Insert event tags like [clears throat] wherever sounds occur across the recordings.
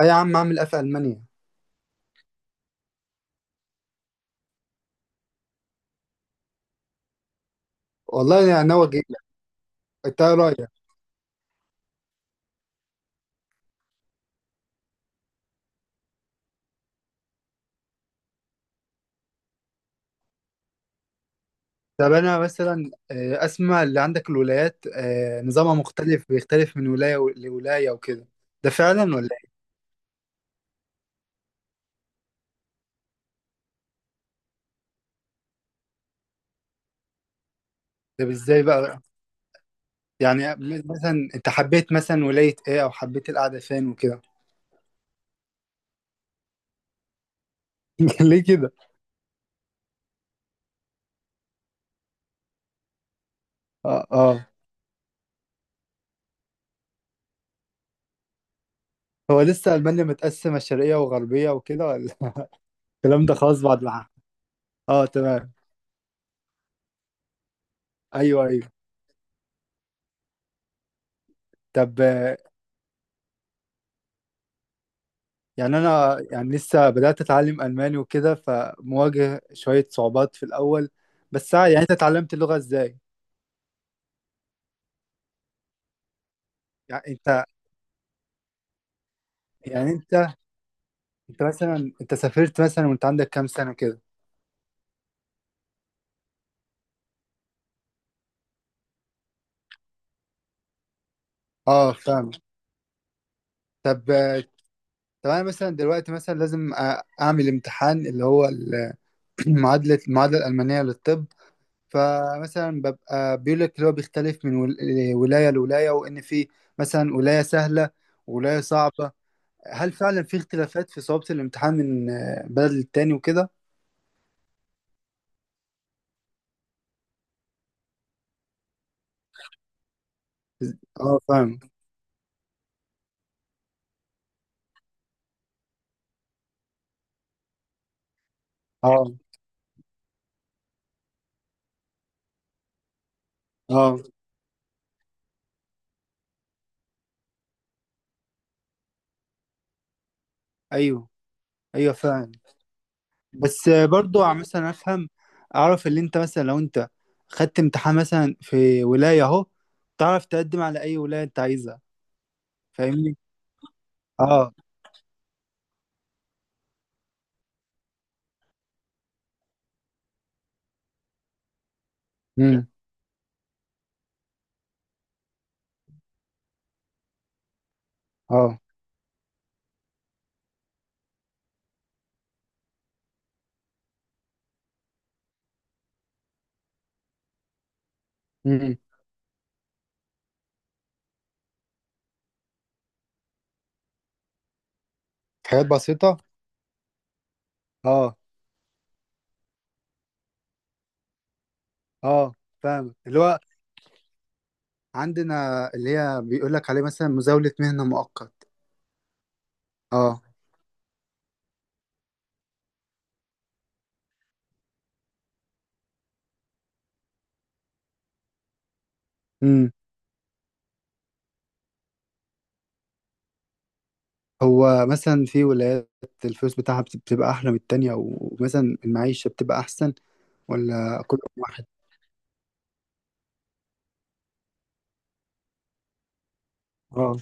أي يا عم، أعمل إيه في ألمانيا؟ والله أنا ناوي أجيلك. أنت إيه رأيك؟ طب أنا مثلا أسمع اللي عندك الولايات، نظامها مختلف، بيختلف من ولاية لولاية وكده. ده فعلا ولا إيه؟ طب، إزاي بقى؟ يعني مثلا أنت حبيت مثلا ولاية إيه، أو حبيت القعدة فين وكده؟ [laughs] ليه كده؟ آه، آه. هو لسه ألمانيا متقسمة شرقية وغربية وكده، ولا؟ [laughs] الكلام ده خلاص بعد ما. آه، تمام. أيوه، أيوه. طب، يعني أنا يعني لسه بدأت أتعلم ألماني وكده، فمواجه شوية صعوبات في الأول. بس يعني أنت اتعلمت اللغة إزاي؟ يعني أنت. يعني أنت. أنت مثلا سافرت مثلا وأنت عندك كام سنة كده؟ أه، فاهم. طب طب أنا مثلا دلوقتي مثلا لازم أعمل امتحان اللي هو [clears throat] المعادلة الألمانية للطب. فمثلا ببقى بيقول لك اللي هو بيختلف من ولاية لولاية، وإن في مثلا ولاية سهلة، ولاية صعبة. هل فعلا في اختلافات في صعوبة الامتحان من بلد للتاني وكده؟ اه، فاهم. اه، اه. ايوه، ايوه، فاهم. بس، برضو مثلا افهم، اعرف اللي انت مثلا لو انت خدت امتحان مثلا في ولاية اهو، تعرف تقدم على اي ولاية انت عايزها. فاهمني؟ اه. امم. اه. امم. حاجات بسيطة. اه. اه، فاهم اللي هو عندنا، اللي هي بيقول لك عليه مثلا مزاولة مهنة مؤقت. اه. هو مثلا في ولايات الفلوس بتاعها بتبقى أحلى من التانية، ومثلا المعيشة بتبقى أحسن، ولا كل واحد؟ اه.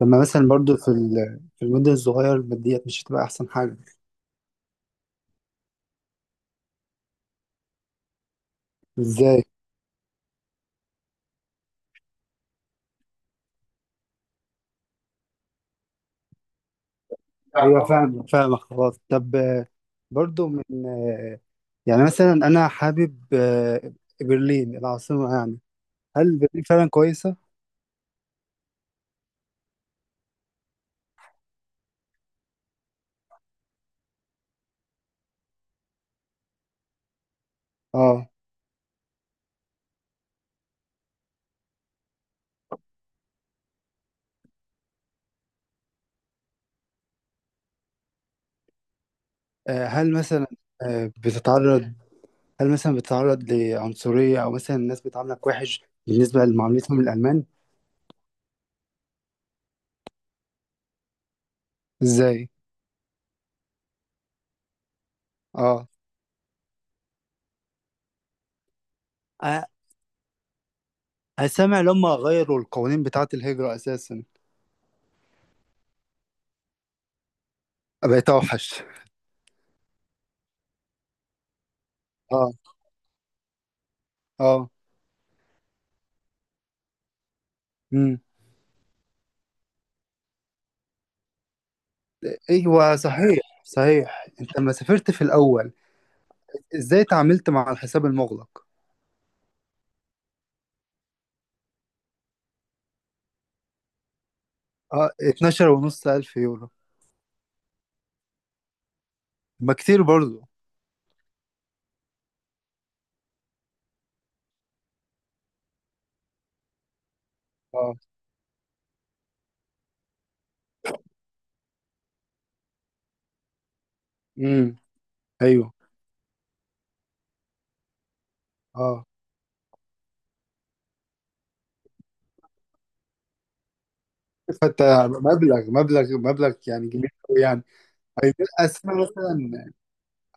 لما مثلا برضو في المدن الصغيرة، الماديات مش هتبقى أحسن حاجة؟ إزاي؟ أيوة، فاهم، خلاص. طب، برضو من، يعني مثلا أنا حابب، برلين العاصمة يعني، هل برلين فعلا كويسة؟ اه. هل مثلا، بتتعرض، هل مثلا بتتعرض لعنصرية، أو مثلا الناس بتعاملك وحش بالنسبة لمعاملتهم الألمان؟ إزاي؟ آه. أ- أنا سامع لما غيروا القوانين بتاعة الهجرة أساسا. بقيت أوحش. آه. آه. مم. أيوه، صحيح صحيح، أنت لما سافرت في الأول إزاي تعاملت مع الحساب المغلق؟ آه، 12 ونص ألف يورو. ما كتير برضه. آه، امم، أيوه، آه. فأنت، مبلغ يعني كبير أوي يعني. أسمع مثلا،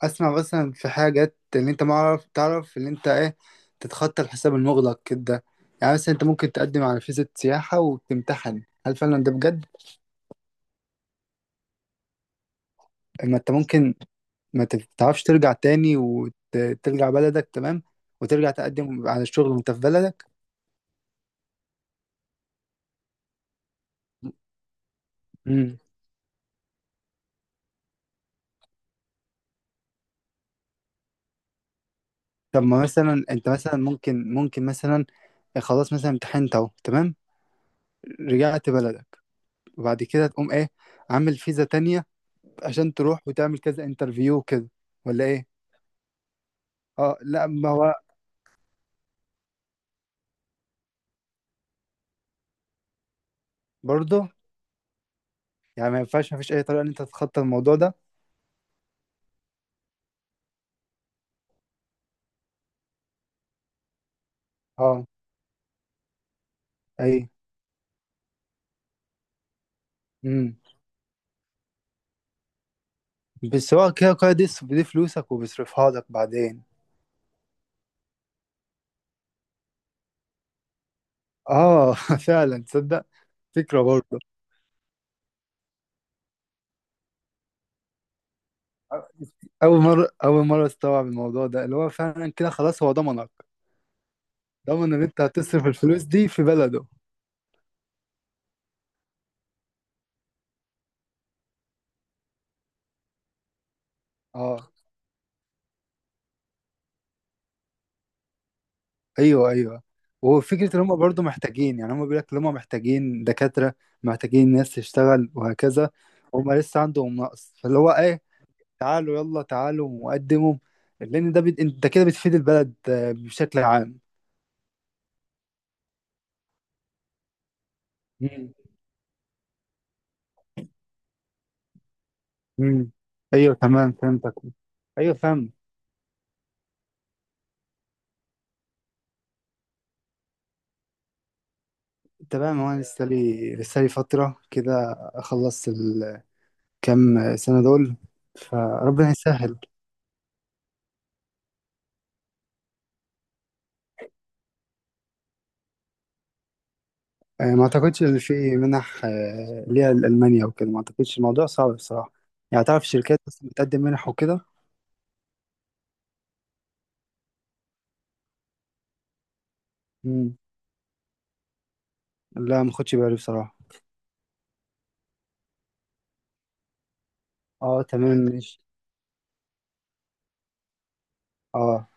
اسمع مثلا، في حاجات اللي انت ما عارف تعرف اللي انت ايه، تتخطى الحساب المغلق كده. يعني مثلا انت ممكن تقدم على فيزا سياحة وتمتحن، هل فعلا ده بجد؟ ما انت ممكن، ما تعرفش، ترجع تاني وترجع بلدك، تمام، وترجع تقدم على الشغل وانت في بلدك. مم. طب، ما مثلا انت مثلا ممكن مثلا، خلاص مثلا امتحنت اهو، تمام، رجعت بلدك، وبعد كده تقوم ايه؟ عامل فيزا تانية عشان تروح وتعمل كذا انترفيو كده، ولا ايه؟ اه. لا، ما هو برضه يعني ما ينفعش، ما فيش اي طريقه ان انت تتخطى الموضوع ده. اه. اي. امم. بس هو كده كده دي فلوسك، وبيصرفها لك بعدين. اه. [laughs] فعلا، تصدق، فكره برضه. اول مره استوعب الموضوع ده، اللي هو فعلا كده خلاص هو ضمنك، ضمن ان انت هتصرف الفلوس دي في بلده. اه. ايوه، ايوه. وفكره ان هم برضه محتاجين، يعني هم بيقول لك ان هم محتاجين دكاتره، محتاجين ناس تشتغل، وهكذا. هم لسه عندهم نقص، فاللي هو اي، تعالوا يلا، تعالوا وقدموا، لان ده انت كده بتفيد البلد بشكل عام. مم. مم. ايوه، تمام، فهمتك. ايوه، فاهم. انت بقى، ما انا لسه لي فتره كده اخلص الكام سنه دول، فربنا يسهل. ما اعتقدش ان في منح ليها لالمانيا وكده، ما اعتقدش الموضوع صعب بصراحه. يعني تعرف شركات بس بتقدم منح وكده؟ مم. لا، ما خدش بالي بصراحه. اه، تمام، ماشي. اه.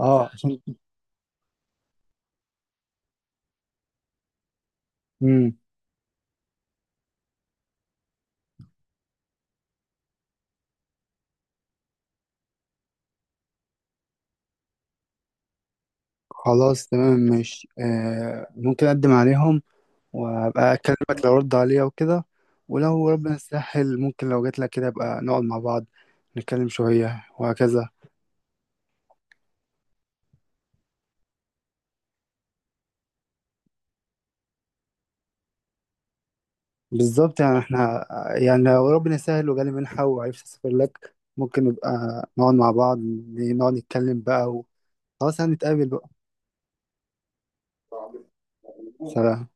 اه عشان. مم. خلاص، تمام، ماشي. ممكن أقدم عليهم، وأبقى أكلمك لو رد عليا وكده. ولو ربنا يسهل، ممكن لو جاتلك كده أبقى نقعد مع بعض، نتكلم شوية وهكذا. بالظبط، يعني احنا، يعني لو ربنا يسهل وجالي منحة وعرفت أسافر لك، ممكن نبقى نقعد مع بعض، نقعد نتكلم بقى، وخلاص هنتقابل بقى. سلام.